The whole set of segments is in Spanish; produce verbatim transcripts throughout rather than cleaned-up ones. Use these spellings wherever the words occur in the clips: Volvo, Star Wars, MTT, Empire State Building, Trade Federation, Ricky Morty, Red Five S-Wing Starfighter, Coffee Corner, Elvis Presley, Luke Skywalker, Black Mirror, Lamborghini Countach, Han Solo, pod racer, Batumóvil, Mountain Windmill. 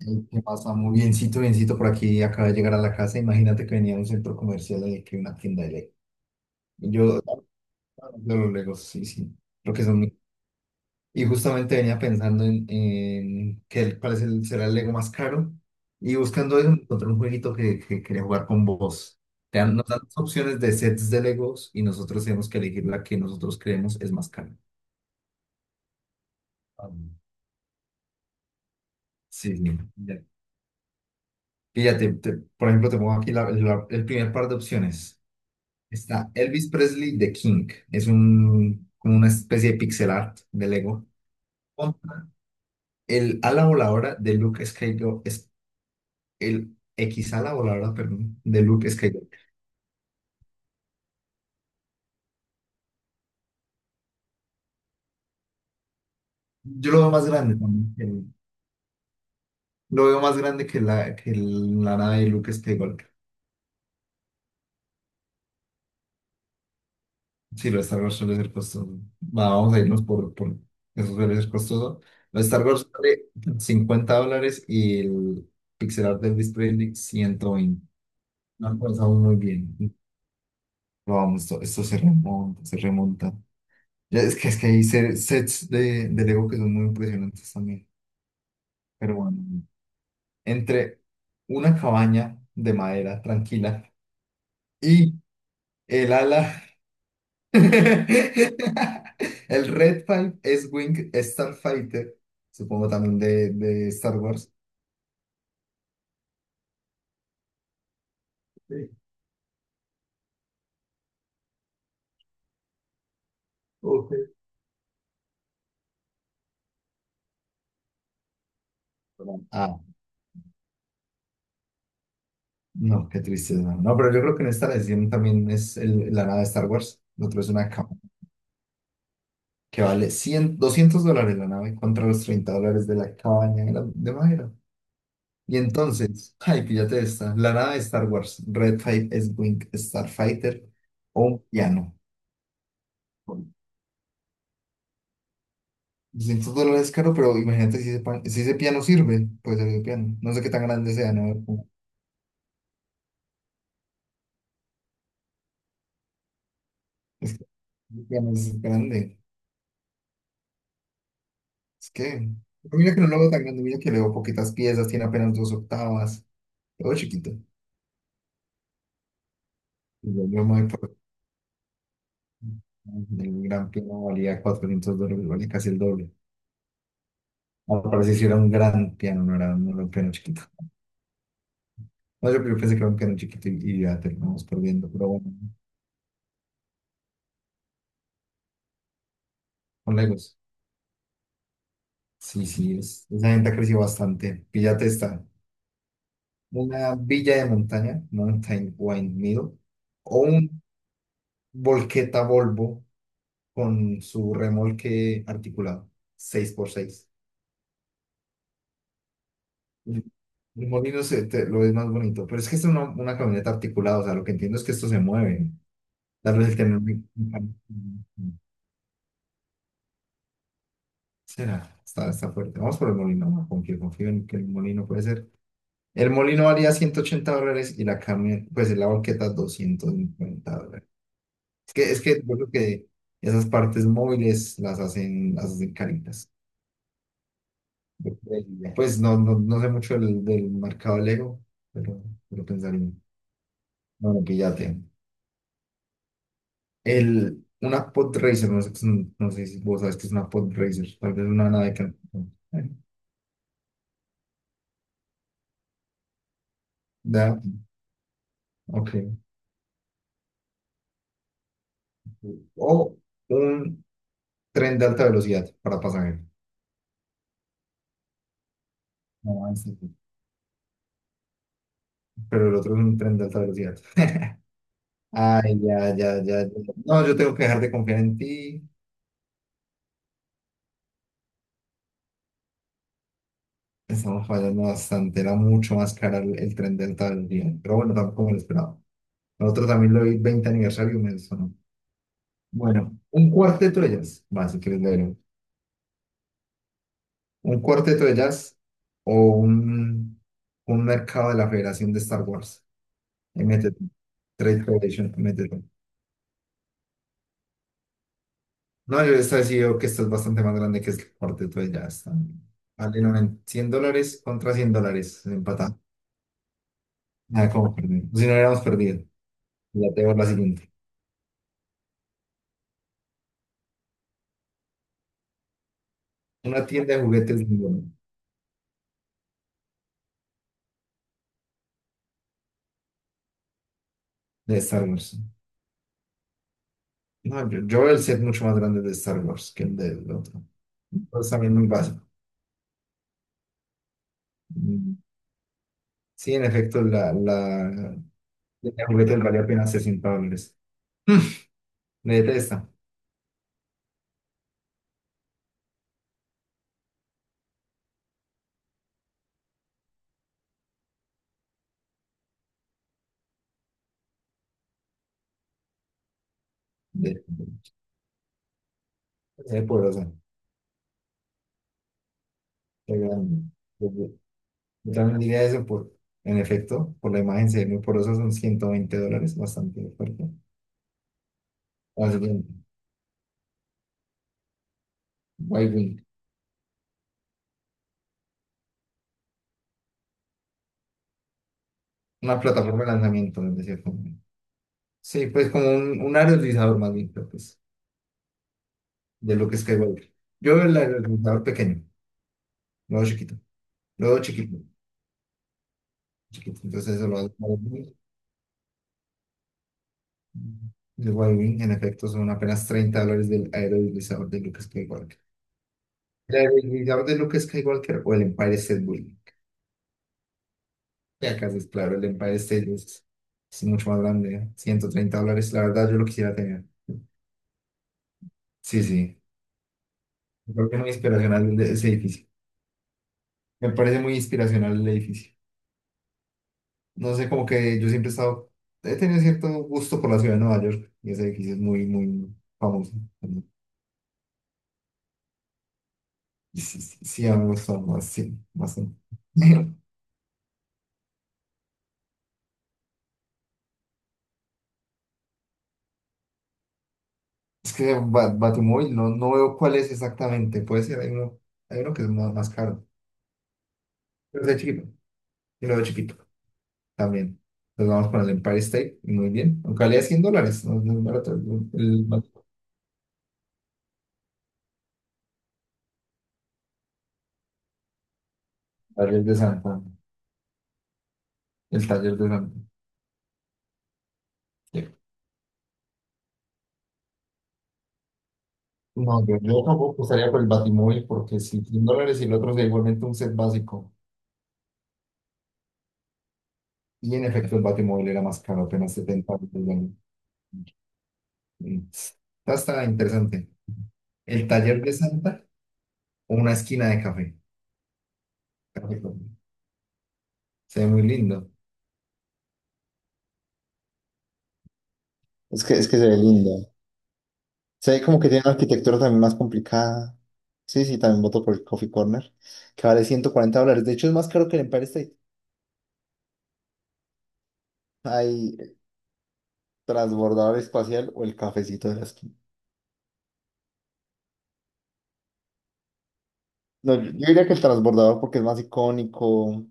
Ey, ¿qué pasa? Muy biencito, biencito por aquí. Acaba de llegar a la casa. Imagínate que venía a un centro comercial en que una tienda de Lego. Y Yo, de los Legos, sí, sí. Lo que son. muy- Y justamente venía pensando en, en qué- cuál es el, será el Lego más caro. Y buscando eso, encontré un jueguito que, que quería jugar con vos. Te dan- nos dan dos opciones de sets de Legos y nosotros tenemos que elegir la que nosotros creemos es más cara. Ah, sí, sí. Ya. Fíjate, te- por ejemplo, te pongo aquí la- la- el primer par de opciones. Está Elvis Presley The King. Es un, como una especie de pixel art de Lego. El ala voladora de Luke Skywalker es el X ala voladora, perdón, de Luke Skywalker. Yo lo veo más grande también. que el- Lo veo más grande que la, que el- la nave de Luke Skywalker. Sí, lo de Star Wars suele ser costoso. Va, vamos a irnos por, por eso suele ser costoso. Lo de Star Wars vale cincuenta dólares y el pixel art de Elvis Presley ciento veinte. No alcanzamos muy bien. Pero vamos, esto, esto se remonta, se remonta. Ya, es que, es que hay se- sets de, de Lego que son muy impresionantes también. Pero bueno, entre una cabaña de madera tranquila y el ala, el Red Five S-Wing Starfighter, supongo también de, de Star Wars. Sí, ok. Ah, no, qué tristeza. No, pero yo creo que en esta la decisión también es el- la nave de Star Wars. Lo otro es una cabaña. Que vale cien doscientos dólares la nave contra los treinta dólares de la cabaña de, la- de madera. Y entonces, ay, píllate esta, la nave de Star Wars, Red cinco S-Wing Starfighter o un piano. Doscientos dólares caro, pero imagínate si ese, pa- si ese piano sirve, puede ser el piano. No sé qué tan grande sea, ¿no? Es que el piano es grande. Es que, pero mira que no lo veo tan grande, mira que le veo poquitas piezas, tiene apenas dos octavas, lo veo chiquito. Y Yo, yo me voy por el gran piano valía cuatrocientos dólares, valía casi el doble. Ahora parece que era un gran piano, no era, no era un piano chiquito. No, yo, yo pensé que era un piano chiquito y, y ya terminamos perdiendo, pero bueno, con Legos. Sí, sí, es, esa gente ha crecido bastante. Píllate esta, una villa de montaña, Mountain Windmill, o un volqueta Volvo con su remolque articulado, seis por seis. El el molino se, te- lo es más bonito, pero es que es una, una camioneta articulada, o sea, lo que entiendo es que esto se mueve. Tal vez el tener un- un. Será, está, está fuerte. Vamos por el molino, confío, confío en que el molino puede ser. El molino valía ciento ochenta dólares y la carne, pues la banqueta doscientos cincuenta dólares. Es que, es que yo creo que esas partes móviles las hacen, las hacen caritas. Yo creería. Pues no, no, no sé mucho del, del mercado Lego, pero, pero pensaría. Bueno, píllate. El, una pod racer no sé, no sé si vos sabes que es una pod racer tal vez una nave que... eh, Da, ok. O un tren de alta velocidad para pasajeros. No, en serio. Pero el otro es un tren de alta velocidad. Ay, ya, ya, ya, ya. No, yo tengo que dejar de confiar en ti. Estamos fallando bastante. Era mucho más cara el, el tren de alta velocidad. Pero bueno, tampoco me lo esperaba. El otro también lo vi veinte aniversario y me sonó. Bueno, un cuarteto de jazz. Va, si quieres leerlo. Un cuarteto de jazz o un, un mercado de la Federación de Star Wars. M T T. Trade Federation. M T T. No, yo esta vez sí veo que esta es bastante más grande que el corte, entonces ya están. Vale, no, en cien dólares contra cien dólares, empatado. Nada, como perdido. Si no hubiéramos perdido, ya te veo la siguiente. Una tienda de juguetes de de Star Wars. No, yo, yo veo el set mucho más grande de Star Wars que el del otro. Entonces también muy básico. Mm, Sí, en efecto, la, la, tienda de juguetes valía apenas sesenta dólares. Mm, Me detesta. De, de poderosa. Qué grande. Yo también diría eso por, en efecto, por la imagen se ve muy porosa, son ciento veinte dólares, bastante fuerte. Así que, Wing, una plataforma de lanzamiento, de cierto modo. Sí, pues como un, un área más bien, creo que es, de lo que es Skywalker. Yo veo el área pequeño, luego chiquito, luego chiquito, chiquito. Entonces eso lo hace Wing. El Wing, en efecto, son apenas treinta dólares del aero de Luke Skywalker. El aero de Luke Skywalker o el Empire State Building. Y acá es claro, el Empire State es, es mucho más grande, ciento treinta dólares, la verdad yo lo quisiera tener. Sí, sí, creo que es muy inspiracional el de- ese edificio. Me parece muy inspiracional el edificio. No sé, como que yo siempre he estado, he tenido cierto gusto por la ciudad de Nueva York y ese edificio es muy, muy famoso. Y sí, sí, sí, a mí me gusta más, sí, bastante. Es que Ba- Batumóvil no, no veo cuál es exactamente, puede ser, hay uno, hay uno que es más, más caro, pero es chiquito, yo lo veo chiquito. También. Nos vamos con el Empire State. Muy bien. Aunque valía cien dólares. No es muy barato. El, el taller de San Juan. El taller de San Juan. Sí. No, yo, yo tampoco estaría por el Batimóvil porque si cien dólares y el otro sería igualmente un set básico. Y en efecto el Batimóvil era más caro, apenas setenta dólares. Mm. Está, está interesante. El taller de Santa o una esquina de café. Perfecto. Se ve muy lindo. Es que, es que se ve lindo. Se ve como que tiene una arquitectura también más complicada. Sí, sí, también voto por el Coffee Corner, que vale ciento cuarenta dólares. De hecho, es más caro que el Empire State. Hay el transbordador espacial o el cafecito de la esquina. No, yo yo diría que el transbordador porque es más icónico,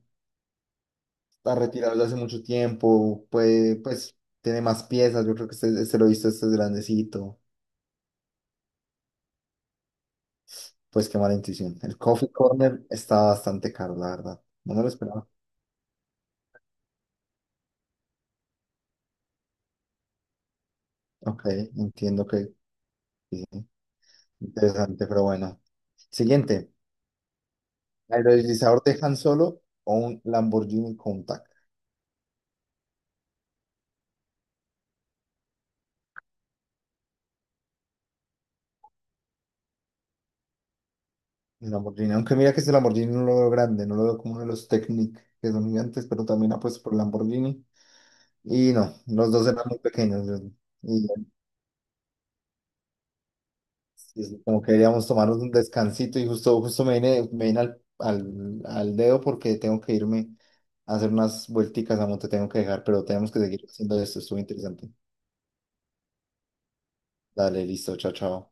está retirado desde hace mucho tiempo, puede, pues tiene más piezas. Yo creo que este, este lo he visto, este es grandecito. Pues qué mala intuición. El Coffee Corner está bastante caro, la verdad. No me lo esperaba. Ok, entiendo que sí, interesante, pero bueno. Siguiente. Aerodislizador de Han Solo o un Lamborghini Countach. Un Lamborghini, aunque mira que ese Lamborghini no lo veo grande, no lo veo como uno de los Technic que son gigantes, pero también apuesto por Lamborghini. Y no, los dos eran muy pequeños. Yo- y es como que queríamos tomarnos un descansito y justo, justo me vine me vine al, al, al dedo porque tengo que irme a hacer unas vuelticas, amo, te tengo que dejar, pero tenemos que seguir haciendo esto, estuvo interesante. Dale, listo, chao, chao.